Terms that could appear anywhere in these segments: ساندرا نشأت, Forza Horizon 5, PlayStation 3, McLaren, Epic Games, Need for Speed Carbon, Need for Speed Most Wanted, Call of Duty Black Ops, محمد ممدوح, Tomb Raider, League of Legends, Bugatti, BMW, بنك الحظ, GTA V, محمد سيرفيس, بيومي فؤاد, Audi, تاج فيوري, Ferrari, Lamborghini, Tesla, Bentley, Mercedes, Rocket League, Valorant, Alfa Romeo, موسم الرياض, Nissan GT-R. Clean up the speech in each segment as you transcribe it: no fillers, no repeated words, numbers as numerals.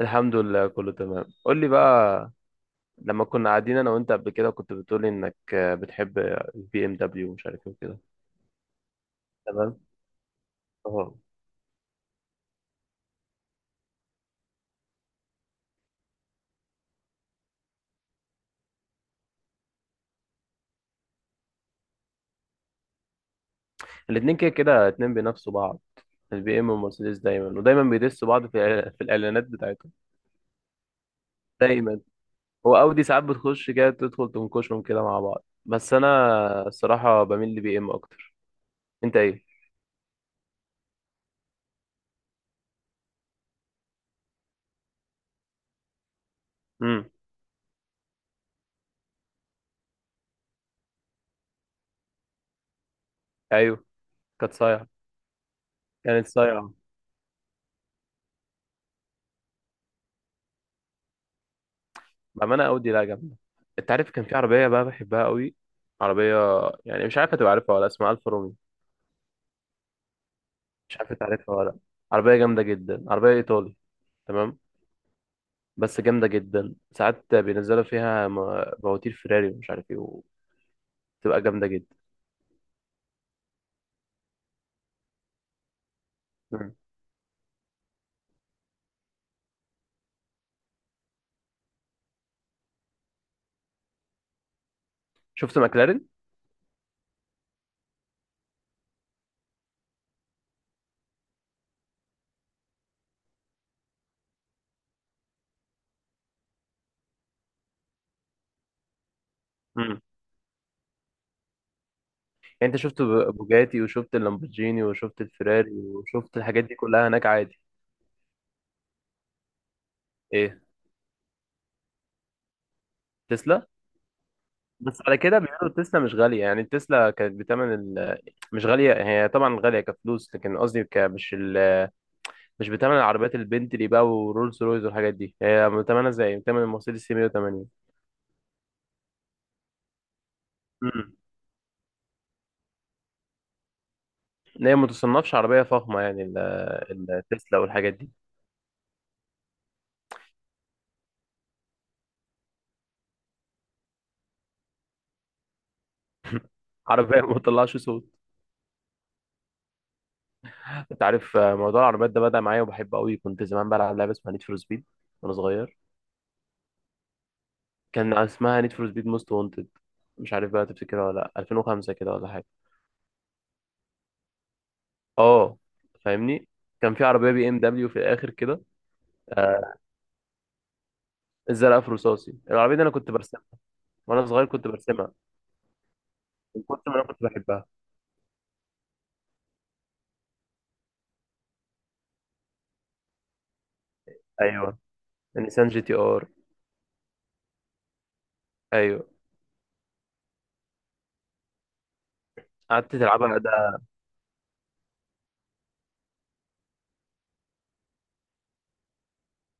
الحمد لله، كله تمام. قول لي بقى. لما كنا قاعدين انا وانت قبل كده كنت بتقولي انك بتحب البي ام دبليو ومش عارف ايه وكده. تمام. اه. الاتنين كده كده اتنين بينافسوا بعض، البي ام والمرسيدس دايما ودايما بيدسوا بعض في في الاعلانات بتاعتهم دايما. هو اودي ساعات بتخش كده، تدخل تنكشهم كده مع بعض، بس انا الصراحه بميل لبي ام اكتر. انت ايه؟ امم ايوه. كانت صايعه، كانت صايعه. بأمانة أودي لا جامدة. أنت عارف كان في عربية بقى بحبها قوي، عربية يعني مش عارف هتبقى عارفها ولا، اسمها ألفا رومي. مش عارف أنت عارفها ولا لأ. عربية جامدة جدا، عربية إيطالي. تمام. بس جامدة جدا، ساعات بينزلوا فيها مواتير فيراري ومش عارف إيه وتبقى جامدة جدا. مم. شفت ماكلارين؟ مم. يعني أنت شفت بوجاتي وشفت اللامبورجيني وشفت الفيراري وشفت الحاجات دي كلها هناك عادي. إيه؟ تسلا؟ بس على كده بيقولوا تسلا مش غالية، يعني تسلا كانت بتمن ال... مش غالية، هي طبعا غالية كفلوس، لكن قصدي مش مش بتمن العربيات البنتلي بقى ورولز رويز والحاجات دي، هي بتمنها زي بتمن المرسيدس سي 180. امم، هي ما تصنفش عربية فخمة يعني التسلا والحاجات دي. عربية ما بتطلعش صوت. انت عارف، موضوع العربيات ده بدأ معايا وبحبه قوي. كنت زمان بلعب لعبة اسمها نيد فور سبيد وانا صغير. كان اسمها نيد فور سبيد موست وانتد، مش عارف بقى تفتكرها ولا لا، 2005 كده ولا حاجة. اه، فاهمني. كان في عربيه بي ام دبليو في الاخر كده، آه، الزرقاء في رصاصي. العربيه دي انا كنت برسمها وانا صغير، كنت برسمها من كتر ما انا كنت بحبها. ايوه النيسان جي تي ار. ايوه. قعدت تلعبها ده.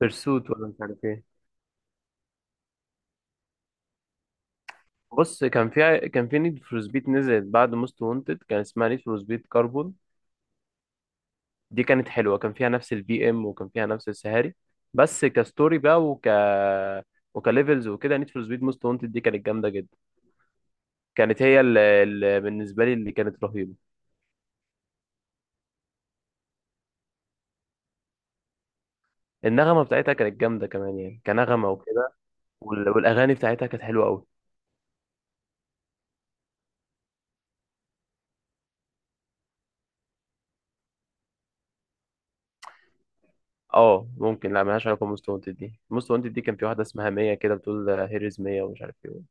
بيرسوت ولا مش عارف ايه. بص، كان في كان في نيد فور سبيد نزلت بعد موست وانتد، كان اسمها نيد فور سبيد كاربون. دي كانت حلوه، كان فيها نفس البي ام وكان فيها نفس السهاري، بس كستوري بقى وكليفلز وكده. نيد فور سبيد موست وانتد دي كانت جامده جدا، كانت هي اللي بالنسبه لي اللي كانت رهيبه. النغمة بتاعتها كانت جامدة كمان يعني كنغمة وكده، والأغاني بتاعتها كانت حلوة أوي. اه ممكن، لا ملهاش علاقة بموست وانتد. دي موست وانتد دي كان في واحدة اسمها مية كده، بتقول هيريز مية ومش عارف ايه.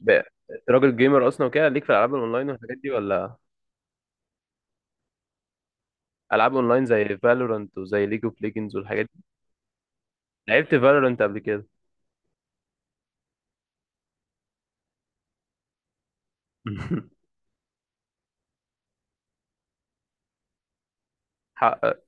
ب- أنت راجل جيمر أصلا وكده، ليك في الألعاب الأونلاين والحاجات دي ولا؟ ألعاب أونلاين زي فالورانت وزي ليج اوف ليجندز والحاجات دي. لعبت فالورانت قبل كده؟ حقق.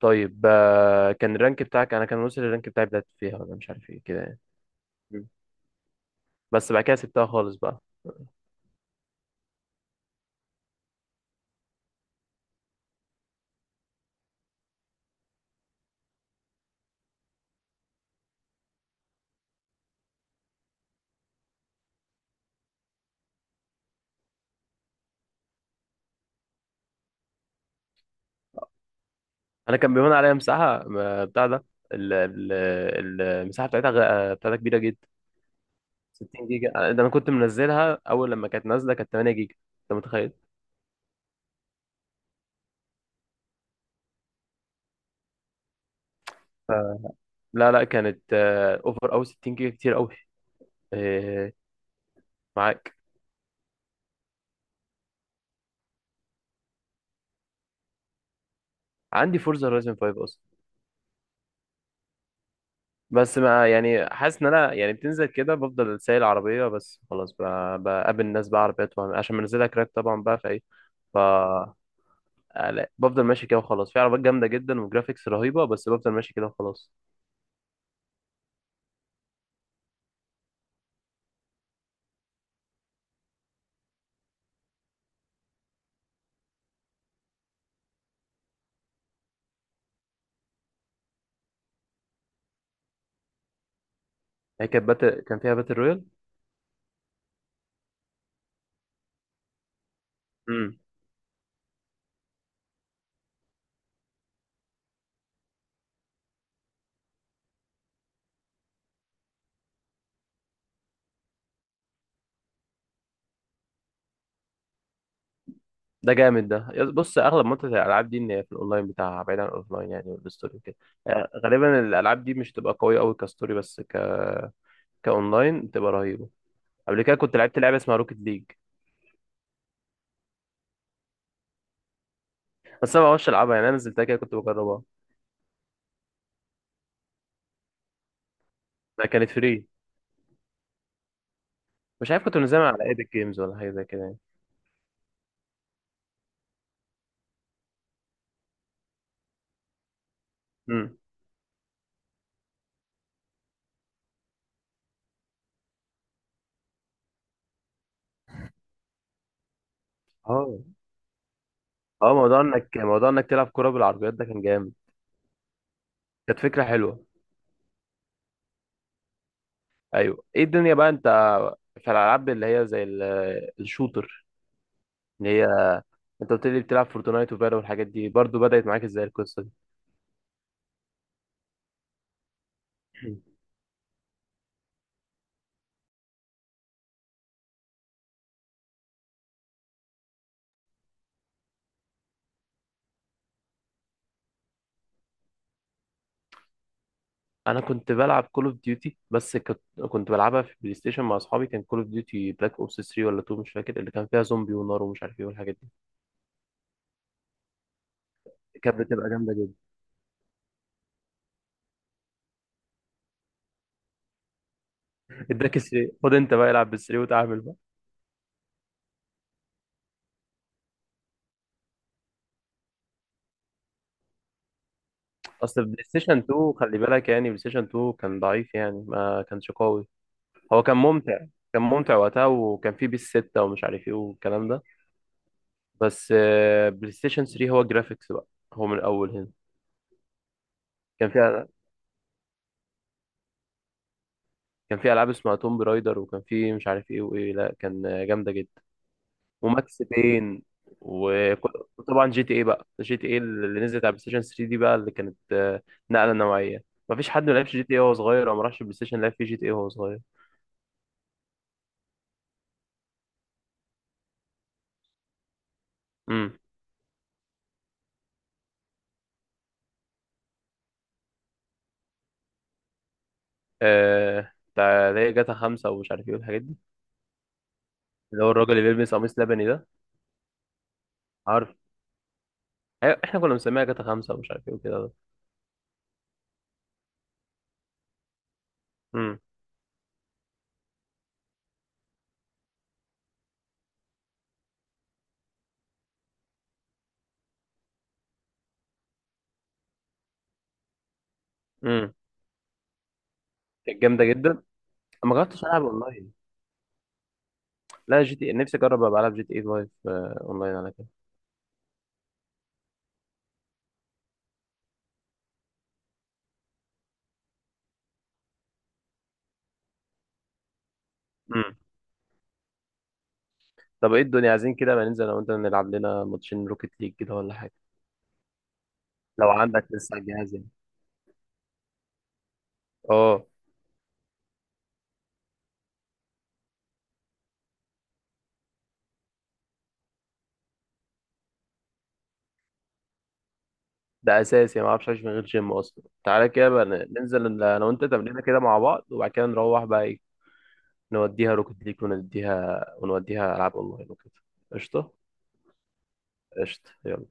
طيب، كان الرانك بتاعك، أنا كان وصل الرانك بتاعي بلات فيها ولا مش عارف ايه كده يعني، بس بعد كده سبتها خالص بقى. انا كان بيهون عليا مساحه بتاع ده، المساحه بتاعتها بتاعتها كبيره جدا، 60 جيجا. ده انا كنت منزلها اول لما كانت نازله كانت 8 جيجا. انت متخيل؟ ف- لا لا، كانت اوفر. او 60 جيجا كتير قوي، معاك. عندي فورزا هورايزن 5 اصلا. بس ما يعني، حاسس ان انا يعني بتنزل كده بفضل سايق العربيه بس خلاص، بقابل الناس بقى عربيات عشان منزلها كراك طبعا بقى فايه. ف لا، بفضل ماشي كده وخلاص، في عربيات جامده جدا وجرافيكس رهيبه، بس بفضل ماشي كده وخلاص. هي كانت كان فيها باتل رويال؟ امم، ده جامد ده. بص، اغلب منطقه الالعاب دي ان هي في الاونلاين بتاعها بعيد عن الاوفلاين يعني، والستوري وكده. يعني غالبا الالعاب دي مش تبقى قويه قوي كستوري، بس كاونلاين تبقى رهيبه. قبل كده كنت لعبت لعبه اسمها روكيت ليج، بس انا ما بعرفش العبها يعني، انا نزلتها كده كنت بجربها. لا كانت فري. مش عارف كنت منزلها على ايبك جيمز ولا حاجه زي كده يعني. امم. اه. اه، موضوع انك تلعب كوره بالعربيات ده كان جامد. كانت فكره حلوه. ايوه، ايه الدنيا بقى؟ انت، في الالعاب اللي هي زي الشوتر، اللي هي، انت قلت لي بتلعب فورتنايت وفالو والحاجات دي، برضو بدات معاك ازاي القصه دي؟ انا كنت بلعب كول اوف ديوتي، بس كنت، كنت بلعبها في بلاي ستيشن مع اصحابي. كان كول اوف ديوتي بلاك اوبس 3 ولا 2، مش فاكر، اللي كان فيها زومبي ونار ومش عارف ايه والحاجات دي. كانت بتبقى جامده جدا. اداك 3، خد انت بقى العب بال 3 وتعامل. اصل بلاي ستيشن 2 خلي بالك، يعني بلاي ستيشن 2 كان ضعيف يعني، ما كانش قوي. هو كان ممتع، كان ممتع وقتها، وكان فيه بيس 6 ومش عارف ايه والكلام ده. بس بلاي ستيشن 3 هو جرافيكس بقى، هو من الاول هنا. كان فيها، كان في العاب اسمها توم برايدر، وكان في مش عارف ايه وايه، لا كان جامده جدا. وماكس بين وطبعا جي تي ايه بقى. جي تي ايه اللي نزلت على بلاي ستيشن 3 دي بقى، اللي كانت نقله نوعيه. مفيش حد ما لعبش جي تي ايه وهو صغير، او ما راحش بلاي ستيشن لعب فيه جي تي ايه وهو صغير. امم. آه بتاع اللي هي جاتا 5 ومش عارف ايه والحاجات دي، اللي هو الراجل اللي بيلبس قميص لبني ده. عارف، أيوة، احنا كنا مسميها جاتا 5 ومش عارف ايه وكده. امم. امم. كانت جامدة جدا. أنا ما جربتش ألعب أونلاين. لا جي تي إيه، نفسي أجرب أبقى ألعب جي تي اي 5 أونلاين على كده. امم. طب ايه الدنيا عايزين كده، ما ننزل أنا وأنت نلعب لنا ماتشين روكيت ليج كده ولا حاجة. لو عندك لسه على الجهاز يعني. اه. ده أساسي، ما أعرفش أعيش من غير جيم أصلا. تعالى كده بقى، ننزل أنا وأنت تمرينة كده مع بعض، وبعد كده نروح بقى، نوديها روكت ليج، ونديها ونوديها ألعاب أونلاين وكده. قشطة، قشطة يلا.